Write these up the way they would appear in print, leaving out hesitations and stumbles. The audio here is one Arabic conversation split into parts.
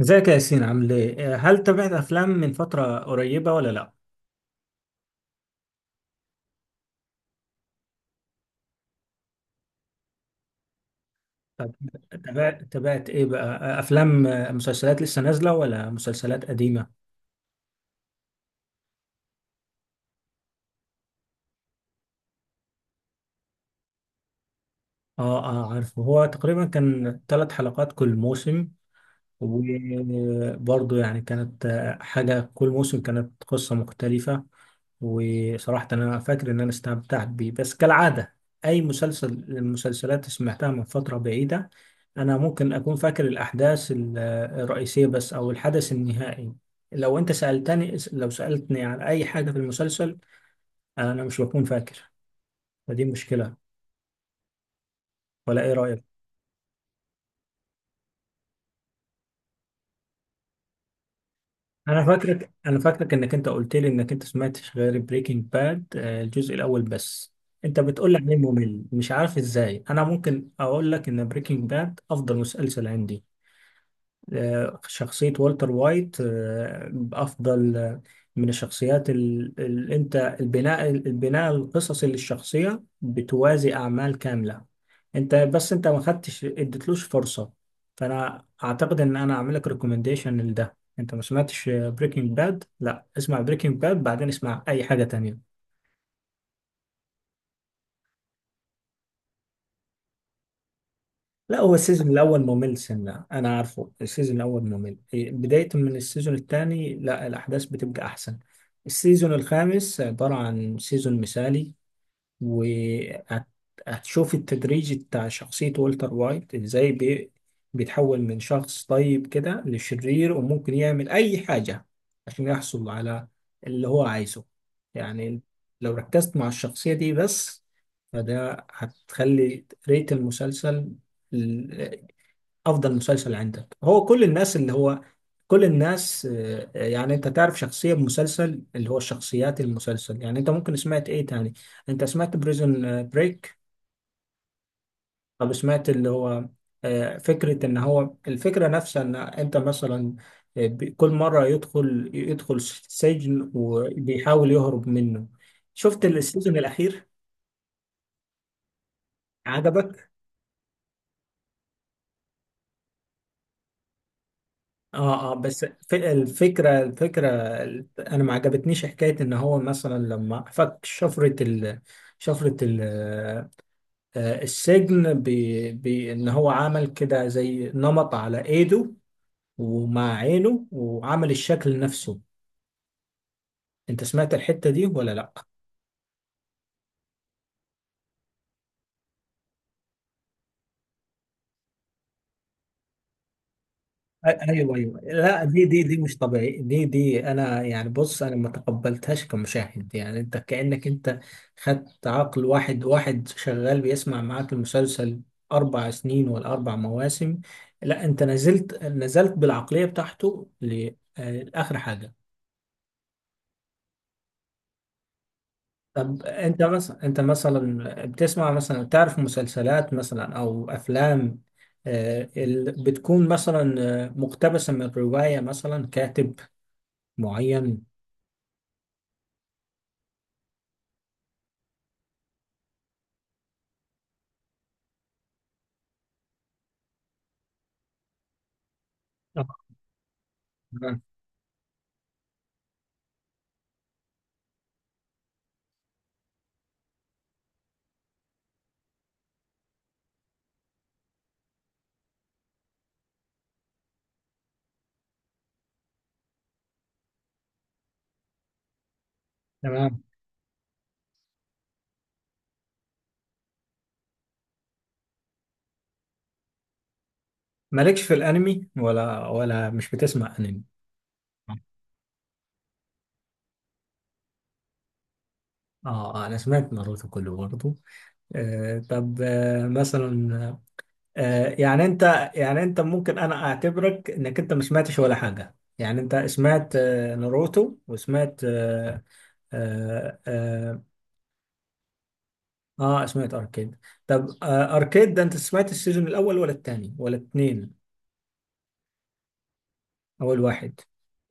ازيك يا ياسين، عامل ايه؟ هل تابعت افلام من فترة قريبة ولا لا؟ طب تابعت ايه بقى؟ افلام، مسلسلات لسه نازلة ولا مسلسلات قديمة؟ اه، عارفه، هو تقريبا كان ثلاث حلقات كل موسم، وبرضه يعني كانت حاجة، كل موسم كانت قصة مختلفة. وصراحة أنا فاكر إن أنا استمتعت بيه، بس كالعادة أي مسلسل، المسلسلات سمعتها من فترة بعيدة، أنا ممكن أكون فاكر الأحداث الرئيسية بس، أو الحدث النهائي. لو أنت سألتني لو سألتني عن أي حاجة في المسلسل أنا مش بكون فاكر، فدي مشكلة، ولا إيه رأيك؟ انا فاكرك انك انت قلت لي انك انت سمعتش غير بريكنج باد الجزء الاول بس، انت بتقول لي عليه ممل. مش عارف ازاي، انا ممكن اقول لك ان بريكنج باد افضل مسلسل عندي. شخصية والتر وايت، أفضل من الشخصيات اللي أنت، البناء القصصي للشخصية بتوازي أعمال كاملة. أنت ما خدتش، اديتلوش فرصة، فأنا أعتقد إن أنا أعمل لك ريكومنديشن لده. أنت ما سمعتش بريكنج باد، لا، اسمع بريكنج باد بعدين اسمع أي حاجة تانية. لا، هو السيزون الاول ممل، سنه انا عارفه السيزون الاول ممل، بدايه من السيزون الثاني لا، الاحداث بتبقى احسن. السيزون الخامس عباره عن سيزون مثالي، وهتشوف التدريج بتاع شخصية والتر وايت ازاي بيتحول من شخص طيب كده لشرير، وممكن يعمل أي حاجة عشان يحصل على اللي هو عايزه، يعني. لو ركزت مع الشخصية دي بس، فده هتخلي ريت المسلسل افضل مسلسل عندك. هو كل الناس اللي هو، كل الناس آه، يعني انت تعرف شخصية بمسلسل، اللي هو شخصيات المسلسل، يعني انت ممكن سمعت ايه تاني؟ انت سمعت بريزون بريك. طب سمعت اللي هو، فكرة ان هو، الفكرة نفسها، ان انت مثلا كل مرة يدخل سجن وبيحاول يهرب منه. شفت السيزون الاخير؟ عجبك؟ اه اه، بس الفكرة، انا ما عجبتنيش حكاية ان هو مثلا لما فك شفرة ال، شفرة ال السجن، ان هو عمل كده زي نمط على ايده، ومع عينه، وعمل الشكل نفسه. انت سمعت الحتة دي ولا لا؟ ايوه ايوه، لا، دي مش طبيعي، دي انا يعني بص، انا ما تقبلتهاش كمشاهد، يعني انت كأنك انت خدت عقل واحد واحد شغال بيسمع معاك المسلسل اربع سنين ولا اربع مواسم، لا انت نزلت بالعقلية بتاعته لاخر حاجة. طب انت مثلا بتسمع مثلا، تعرف مسلسلات مثلا او افلام بتكون مثلا مقتبسة من رواية مثلا، كاتب معين؟ تمام. تمام. مالكش في الانمي ولا، مش بتسمع انمي؟ اه، انا سمعت ناروتو كله برضه. آه طب آه مثلا آه يعني انت يعني انت ممكن انا اعتبرك انك انت ما سمعتش ولا حاجه، يعني انت سمعت ناروتو وسمعت اه, آه, سمعت اركيد. طب اركيد ده انت سمعت السيزون الاول ولا الثاني ولا الاثنين؟ اول واحد،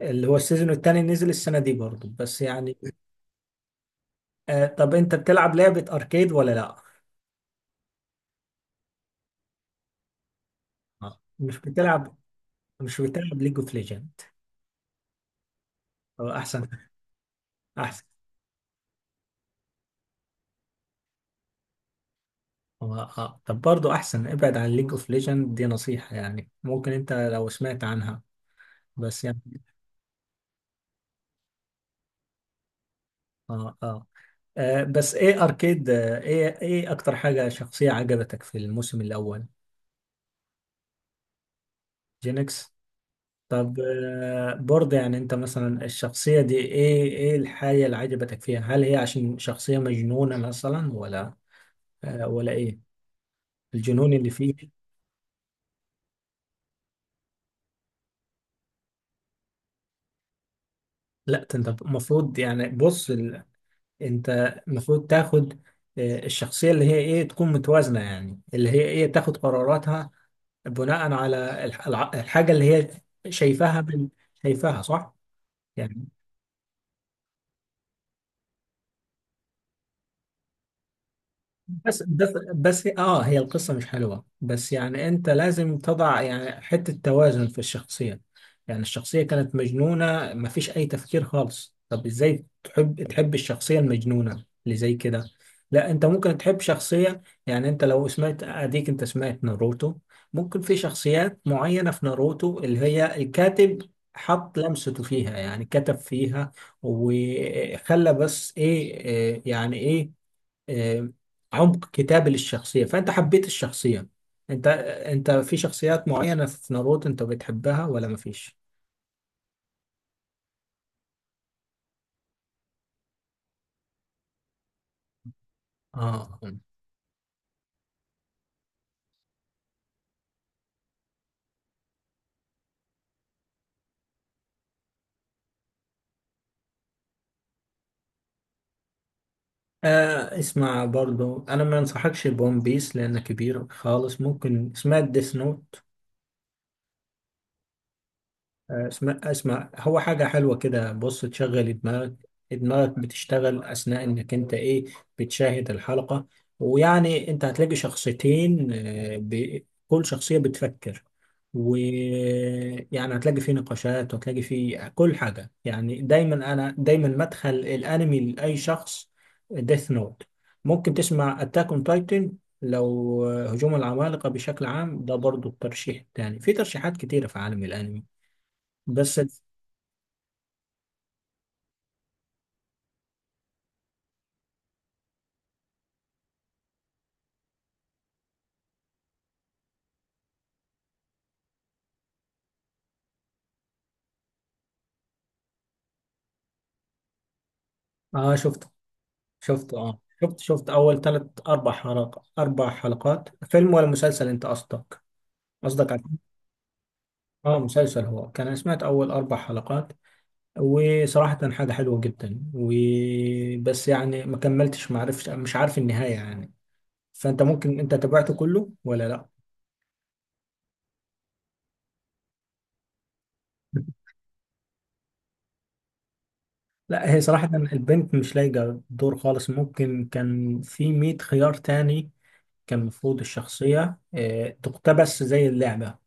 اللي هو السيزون الثاني نزل السنه دي برضه بس يعني. طب انت بتلعب لعبة اركيد ولا لا؟ مش بتلعب، ليج اوف ليجند؟ هو احسن. احسن. هو اه، طب برضه احسن ابعد عن ليج اوف ليجند، دي نصيحة يعني، ممكن انت لو سمعت عنها بس يعني. اه اه, بس ايه اركيد ايه، ايه اكتر حاجة شخصية عجبتك في الموسم الاول؟ جينكس. طب برضه يعني انت مثلا الشخصية دي ايه، ايه الحاجة اللي عجبتك فيها؟ هل هي عشان شخصية مجنونة مثلا ولا ولا ايه، الجنون اللي فيك؟ لا، ده انت المفروض يعني، بص انت المفروض تاخد الشخصية اللي هي ايه، تكون متوازنة، يعني اللي هي ايه، تاخد قراراتها بناء على الحاجة اللي هي شايفاها من، شايفاها صح؟ بس، بس، هي القصة مش حلوة، بس يعني انت لازم تضع يعني حتة توازن في الشخصية. يعني الشخصية كانت مجنونة، مفيش اي تفكير خالص، طب ازاي تحب، الشخصية المجنونة اللي زي كده؟ لا، انت ممكن تحب شخصية، يعني انت لو سمعت، اديك انت سمعت ناروتو، ممكن في شخصيات معينة في ناروتو اللي هي الكاتب حط لمسته فيها، يعني كتب فيها وخلى، بس ايه، يعني ايه، آه، عمق كتابة للشخصية، فأنت حبيت الشخصية. أنت في شخصيات معينة في ناروتو أنت بتحبها ولا مفيش؟ آه. اسمع، برضو أنا ما أنصحكش بون بيس لأنه كبير خالص. ممكن سمعت ديث، اسمع، هو حاجة حلوة كده، بص تشغل دماغك، دماغك بتشتغل أثناء إنك أنت إيه، بتشاهد الحلقة، ويعني أنت هتلاقي شخصيتين كل شخصية بتفكر، ويعني هتلاقي فيه نقاشات، وهتلاقي فيه كل حاجة، يعني دايما أنا دايما مدخل الأنمي لأي شخص ديث نوت. ممكن تسمع أتاك أون تايتن، لو هجوم العمالقة بشكل عام، ده برضو الترشيح التاني في ترشيحات كتيرة في عالم الأنمي، بس اه، شفته، شفت اول ثلاث، اربع حلقات، فيلم ولا مسلسل انت قصدك، قصدك على؟ اه، مسلسل، هو كان أنا سمعت اول اربع حلقات، وصراحة حاجة حلوة جدا، وبس يعني ما كملتش، ما عرفش، مش عارف النهاية يعني. فانت ممكن انت تابعته كله ولا لا؟ لا، هي صراحة البنت مش لايقة الدور خالص، ممكن كان في 100 خيار تاني. كان المفروض الشخصية تقتبس زي اللعبة،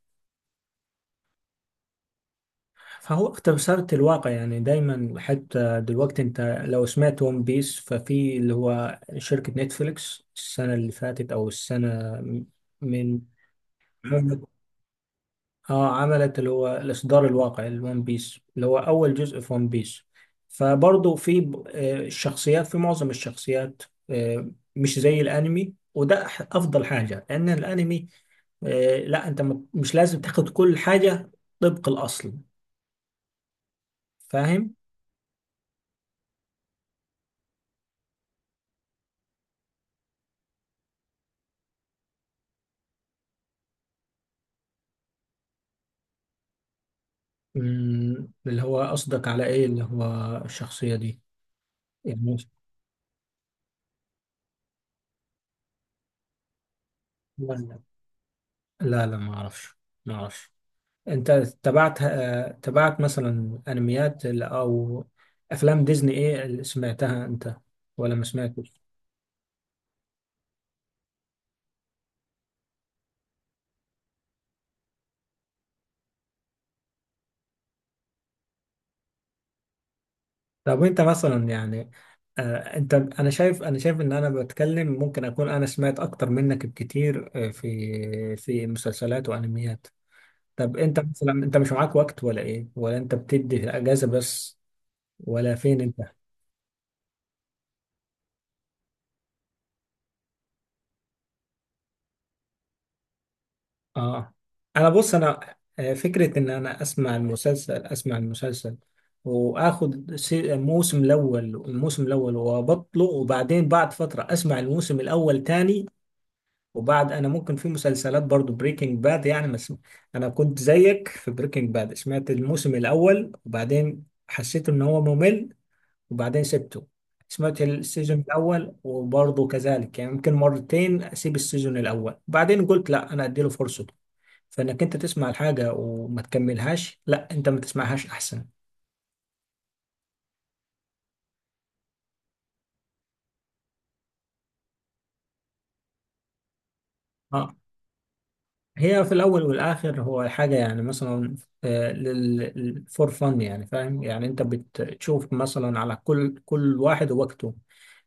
فهو تمثال الواقع يعني، دايما حتى دلوقتي انت لو سمعت ون بيس، ففي اللي هو شركة نتفليكس السنة اللي فاتت او السنة من، مم. اه عملت اللي هو الاصدار الواقعي الون بيس، اللي هو اول جزء في ون بيس، فبرضه في الشخصيات، في معظم الشخصيات مش زي الانمي، وده افضل حاجة، لان الانمي لا انت مش لازم تاخد كل حاجة طبق الاصل، فاهم. مم، اللي هو قصدك على ايه؟ اللي هو الشخصية دي يعني؟ ولا- لا لا، ما اعرفش. ما اعرفش. انت تبعت تبعت مثلا انميات او افلام ديزني، ايه اللي سمعتها انت ولا ما سمعتش؟ طب انت مثلا يعني انت، انا شايف ان انا بتكلم ممكن اكون انا سمعت اكتر منك بكتير في مسلسلات وانميات. طب انت مثلا انت مش معاك وقت ولا ايه، ولا انت بتدي اجازة بس، ولا فين انت؟ اه، انا بص، انا فكره ان انا اسمع المسلسل، واخد الموسم الاول، وابطله وبعدين بعد فتره اسمع الموسم الاول تاني. وبعد، انا ممكن في مسلسلات برضو بريكنج باد يعني انا كنت زيك في بريكنج باد، سمعت الموسم الاول وبعدين حسيت ان هو ممل، وبعدين سبته. سمعت السيزون الاول وبرضه كذلك، يعني ممكن مرتين اسيب السيزون الاول، بعدين قلت لا انا اديله فرصه. فانك انت تسمع الحاجه وما تكملهاش، لا انت ما تسمعهاش احسن. اه، هي في الاول والاخر هو حاجه يعني مثلا فور فن، يعني فاهم يعني، انت بتشوف مثلا على كل واحد وقته.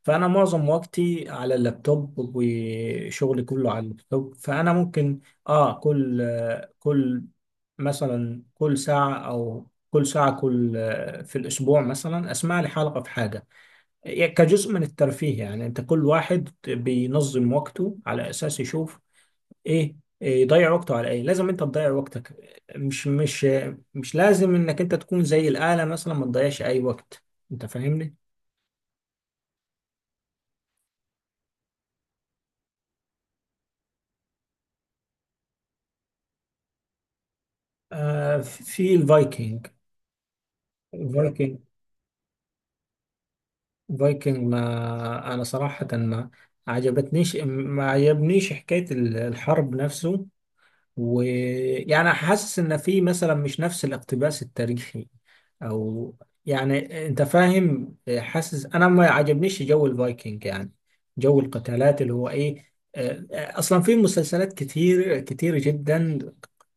فانا معظم وقتي على اللابتوب، وشغلي كله على اللابتوب، فانا ممكن، كل مثلا، كل ساعه، كل آه، في الاسبوع مثلا اسمع لي حلقه في حاجه، يعني كجزء من الترفيه. يعني انت كل واحد بينظم وقته على اساس يشوف ايه، يضيع وقته على ايه، لازم انت تضيع وقتك، مش مش مش لازم انك انت تكون زي الآلة مثلا ما تضيعش اي وقت، انت فاهمني. في الفايكنج، الفايكنج الفايكنج ما انا صراحة ما عجبتنيش ما عجبنيش حكاية الحرب نفسه، ويعني حاسس ان في مثلا مش نفس الاقتباس التاريخي او، يعني انت فاهم، حاسس انا ما عجبنيش جو الفايكنج يعني، جو القتالات اللي هو ايه، اصلا في مسلسلات كتير كتير جدا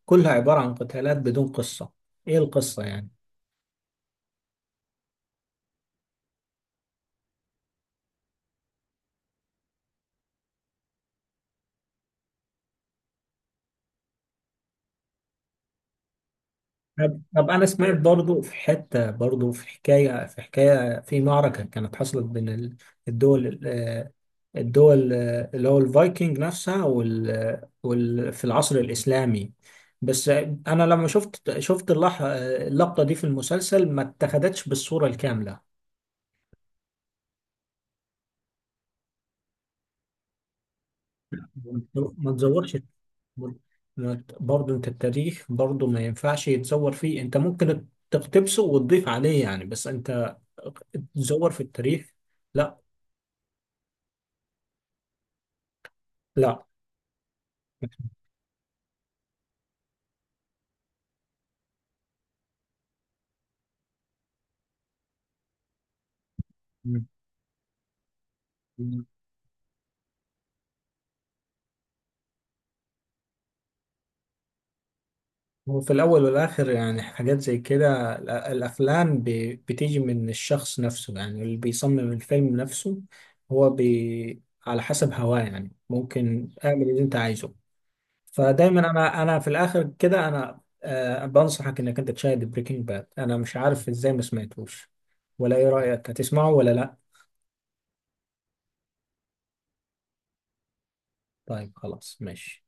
كلها عبارة عن قتالات بدون قصة، ايه القصة يعني؟ طب طب، انا سمعت برضو في حتة، برضو في حكاية، في معركة كانت حصلت بين الدول، اللي هو الفايكنج نفسها في العصر الإسلامي. بس أنا لما شفت، اللح... آه، اللقطة دي في المسلسل ما اتخذتش بالصورة الكاملة. ما تزورش، ما ت- برضه أنت التاريخ برضه ما ينفعش يتزور فيه. أنت ممكن تقتبسه وتضيف عليه يعني، بس أنت تزور في التاريخ لا. لا هو في الأول والآخر يعني حاجات زي كده الأفلام بتيجي من الشخص نفسه، يعني اللي بيصمم الفيلم نفسه هو بي على حسب هواه يعني، ممكن اعمل اللي أنت عايزه. فدايما أنا في الآخر كده أنا بنصحك إنك أنت تشاهد بريكنج باد، أنا مش عارف إزاي ما سمعتوش، ولا إيه رأيك، هتسمعه ولا لأ؟ طيب، خلاص، ماشي.